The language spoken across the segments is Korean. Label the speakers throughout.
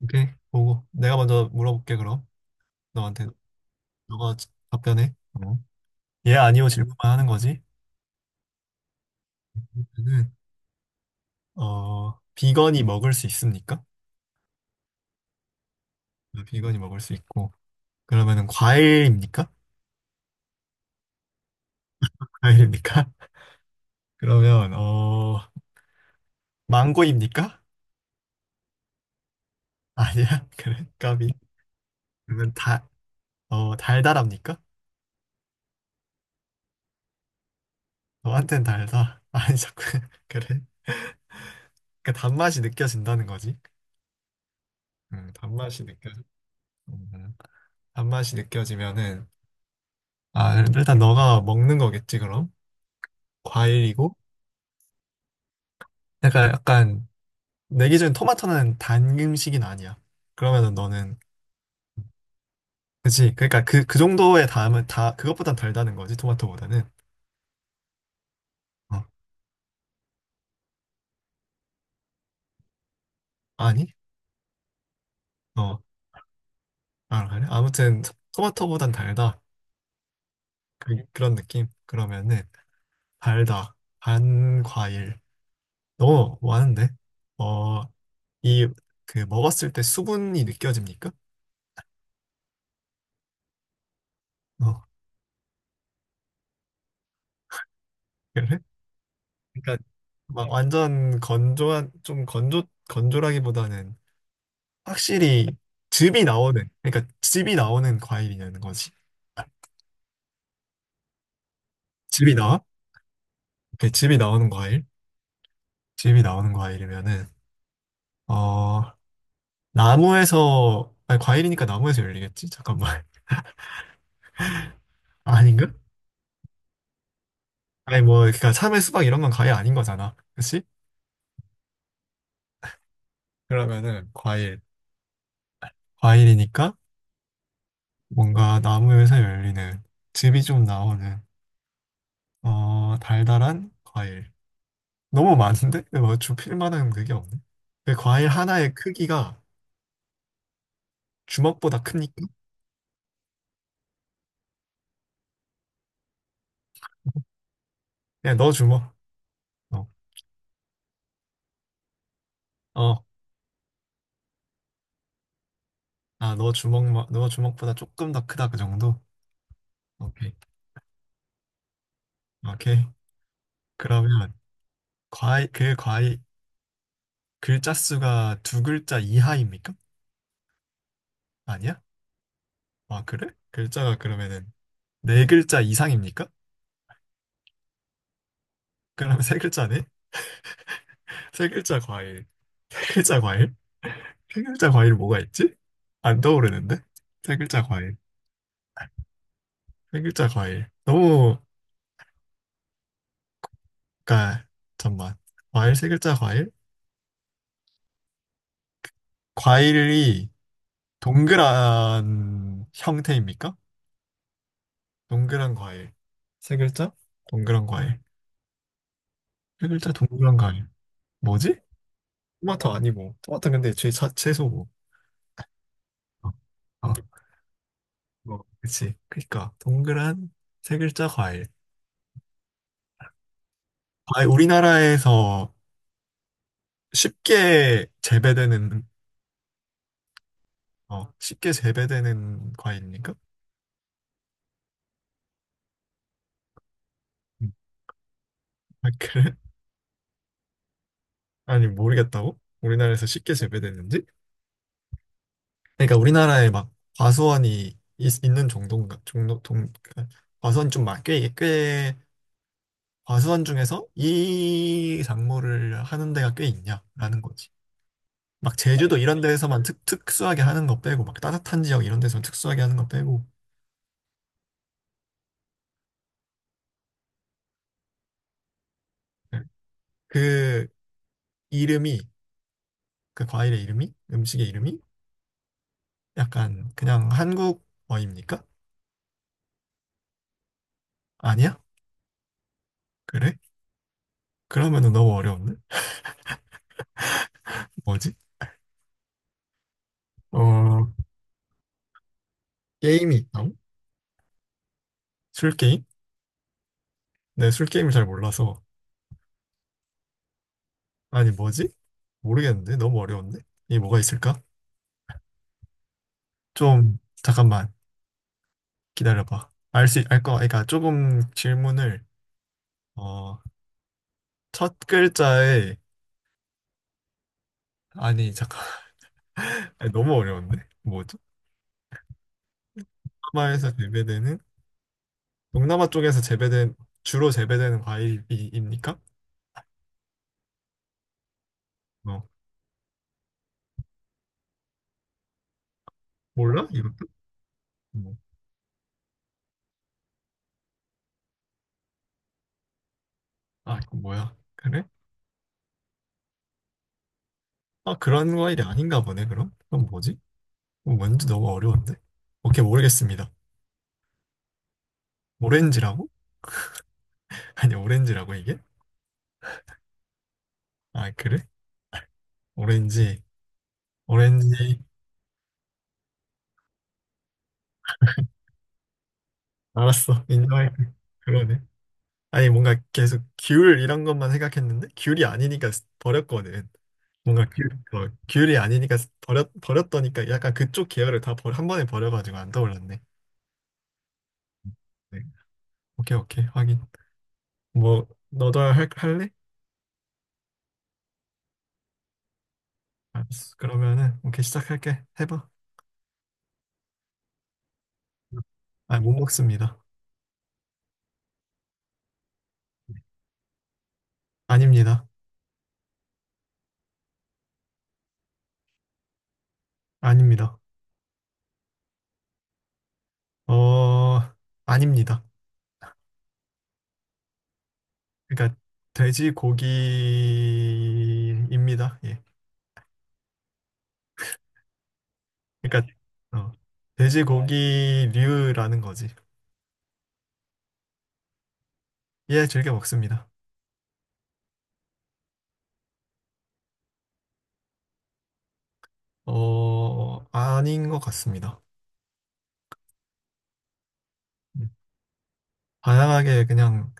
Speaker 1: 오케이, 보고. 내가 먼저 물어볼게, 그럼. 너한테. 너가 답변해. 어. 예, 아니요 질문만 하는 거지. 그러면은, 어, 비건이 먹을 수 있습니까? 어, 비건이 먹을 수 있고. 그러면은 과일입니까? 과일입니까? 그러면, 어, 망고입니까? 아니야. 그래, 까비. 그러면 달달합니까? 너한텐 달다. 아니, 자꾸, 그래. 그러니까 단맛이 느껴진다는 거지. 단맛이 느껴져. 음, 단맛이 느껴지면은, 아, 그럼 일단 너가 먹는 거겠지, 그럼? 과일이고? 약간, 약간, 내 기준 토마토는 단 음식은 아니야. 그러면은 너는, 그치? 그러니까 그, 그 정도의 담은 다, 그것보단 달다는 거지, 토마토보다는. 어, 아니? 어, 아, 그래? 아무튼, 토마토보단 달다. 그, 그런 느낌? 그러면은, 달다. 반 과일. 너무 많은데? 어, 이, 그, 먹었을 때 수분이 느껴집니까? 어, 그래? 그러니까 막 완전 건조한 좀 건조 건조라기보다는 확실히 즙이 나오는 그러니까 즙이 나오는 과일이냐는 거지. 아, 즙이 나와? 이렇게 즙이 나오는 과일? 즙이 나오는 과일이면은 어 나무에서 아니 과일이니까 나무에서 열리겠지? 잠깐만 아닌가? 아니 뭐 그러니까 참외 수박 이런 건 과일 아닌 거잖아. 그렇지? 그러면은 과일 과일이니까 뭔가 나무에서 열리는 즙이 좀 나오는 어 달달한 과일. 너무 많은데? 뭐 좁힐 만한 그게 없네. 그 과일 하나의 크기가 주먹보다 크니까? 그냥 너 주먹. 어, 어. 아, 너 주먹, 너 주먹보다 조금 더 크다, 그 정도? 오케이. 오케이. 그러면, 과일, 그 과일, 글자 수가 두 글자 이하입니까? 아니야? 아, 그래? 글자가 그러면은 네 글자 이상입니까? 그러면 세 글자네? 세 글자 과일. 세 글자 과일? 세 글자 과일 뭐가 있지? 안 떠오르는데? 세 글자 과일. 세 글자 과일. 너무 그러니까 잠깐만. 과일 세 글자 과일? 과일이 동그란 형태입니까? 동그란 과일. 세 글자? 동그란 과일. 세 글자 동그란 과일. 뭐지? 토마토 아니고. 토마토 근데 채소고. 어, 어, 뭐, 그치. 그러니까 동그란 세 글자 과일. 과일 우리나라에서 쉽게 재배되는 어, 쉽게 재배되는 과일입니까? 음. 아, 그래? 아니 모르겠다고? 우리나라에서 쉽게 재배되는지? 그러니까 우리나라에 막 과수원이 있는 정도인가 정도 동 그러니까 과수원 좀많꽤꽤 과수원 중에서 이 작물을 하는 데가 꽤 있냐라는 거지. 막 제주도 이런 데에서만 특수하게 하는 거 빼고 막 따뜻한 지역 이런 데서 특수하게 하는 거 빼고 네. 그 이름이 그 과일의 이름이 음식의 이름이 약간 그냥 한국어입니까? 아니야? 그래? 그러면은 너무 어려운데? 뭐지? 어 게임이 있다술 게임? 네, 술 게임을 잘 몰라서 아니, 뭐지? 모르겠는데? 너무 어려운데? 이게 뭐가 있을까? 좀, 잠깐만, 기다려봐. 알 수, 알 거, 그러니까 조금 질문을, 어, 첫 글자에, 아니, 잠깐, 아니, 너무 어려운데? 뭐죠? 동남아에서 재배되는, 동남아 쪽에서 재배된, 주로 재배되는 과일입니까? 어, 몰라? 이것도? 뭐. 아, 이거 뭐야? 그래? 아, 그런 과일이 아닌가 보네, 그럼? 그럼 뭐지? 그럼 뭔지 너무 어려운데? 오케이, 모르겠습니다. 오렌지라고? 아니, 오렌지라고, 이게? 아, 그래? 오렌지, 오렌지, 알았어, 인정할게. 그러네. 아니, 뭔가 계속 귤 이런 것만 생각했는데, 귤이 아니니까 버렸거든. 뭔가 귤, 어, 귤이 아니니까 버렸더니까 약간 그쪽 계열을 다 한 번에 버려가지고 안 떠올랐네. 네. 오케이, 오케이, 확인. 뭐, 너도 할, 할래? 알았어. 그러면은, 오케이, 시작할게. 해봐. 아, 못 먹습니다. 아닙니다. 아닙니다. 어, 아닙니다. 그러니까 돼지고기입니다. 예. 그러니까 어, 아, 돼지고기류라는 거지. 예, 즐겨 먹습니다. 어, 아닌 것 같습니다. 음, 다양하게 그냥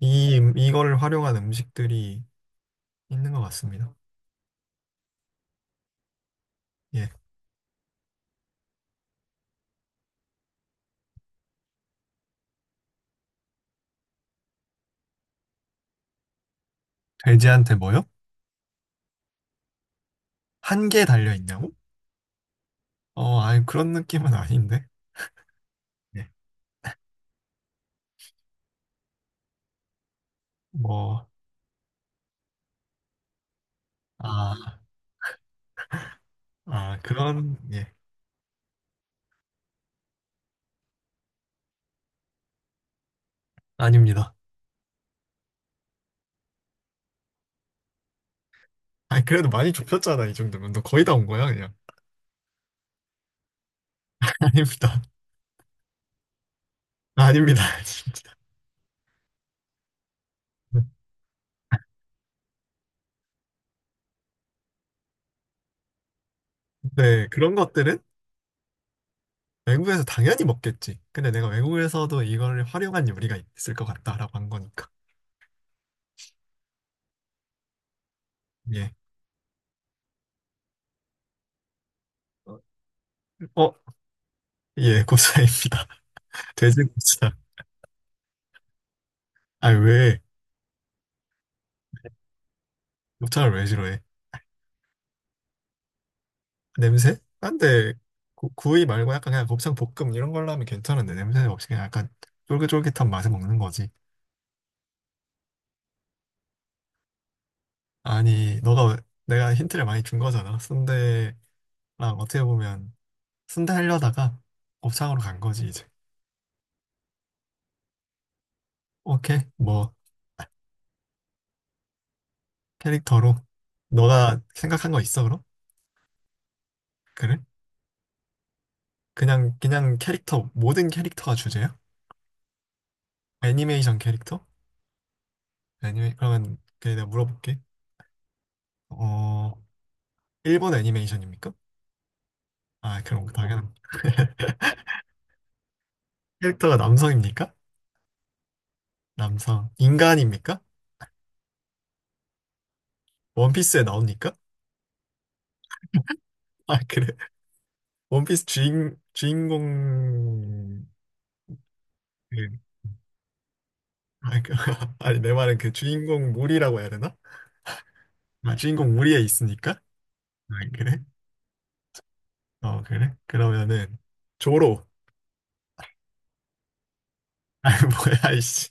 Speaker 1: 이 이거를 활용한 음식들이 있는 것 같습니다. 예. 돼지한테 뭐요? 한 개 달려 있냐고? 어, 아니 그런 느낌은 아닌데. 예. 뭐, 아, 아 그런 예, 아닙니다. 아니 그래도 많이 좁혔잖아 이 정도면 너 거의 다 온 거야 그냥. 아닙니다. 아닙니다. 진짜. 네, 그런 것들은 외국에서 당연히 먹겠지. 근데 내가 외국에서도 이걸 활용한 요리가 있을 것 같다라고 한 거니까. 예. 어, 어, 예, 고사입니다. 돼지 고사. 아, 왜? 곱창을 왜 싫어해? 냄새? 근데 구이 말고 약간 그냥 곱창 볶음 이런 걸로 하면 괜찮은데 냄새 없이 그냥 약간 쫄깃쫄깃한 맛에 먹는 거지. 아니, 너가 왜- 내가 힌트를 많이 준 거잖아. 순대랑 어떻게 보면 순대 하려다가 곱창으로 간 거지, 이제. 오케이, 뭐, 캐릭터로. 너가 생각한 거 있어, 그럼? 그래? 그냥, 그냥 캐릭터, 모든 캐릭터가 주제야? 애니메이션 캐릭터? 애니메, 그러면, 그냥 내가 물어볼게. 어, 일본 애니메이션입니까? 아, 그럼 당연한. 캐릭터가 남성입니까? 남성. 인간입니까? 원피스에 나옵니까? 아, 그래. 원피스 주인공, 그, 아, 그, 아니, 내 말은 그 주인공 무리라고 해야 되나? 아, 주인공 무리에 있으니까? 아, 그래? 어, 그래? 그러면은, 조로. 아, 뭐야, 이씨.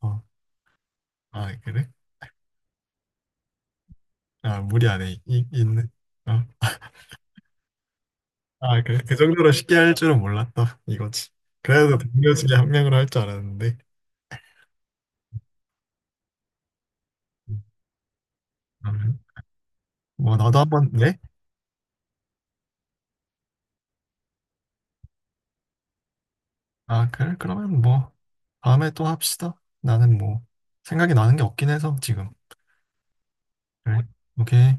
Speaker 1: 어, 아, 그래? 아, 무리 안 해. 이, 있는. 어. 아, 그래? 그 정도로 쉽게 할 줄은 몰랐다. 이거지. 그래도 동료 중에 한 명으로 할 줄 알았는데. 음, 그러면 뭐, 나도 한번, 예? 아, 그래? 그러면 뭐, 다음에 또 합시다. 나는 뭐, 생각이 나는 게 없긴 해서, 지금. 그래? 오케이.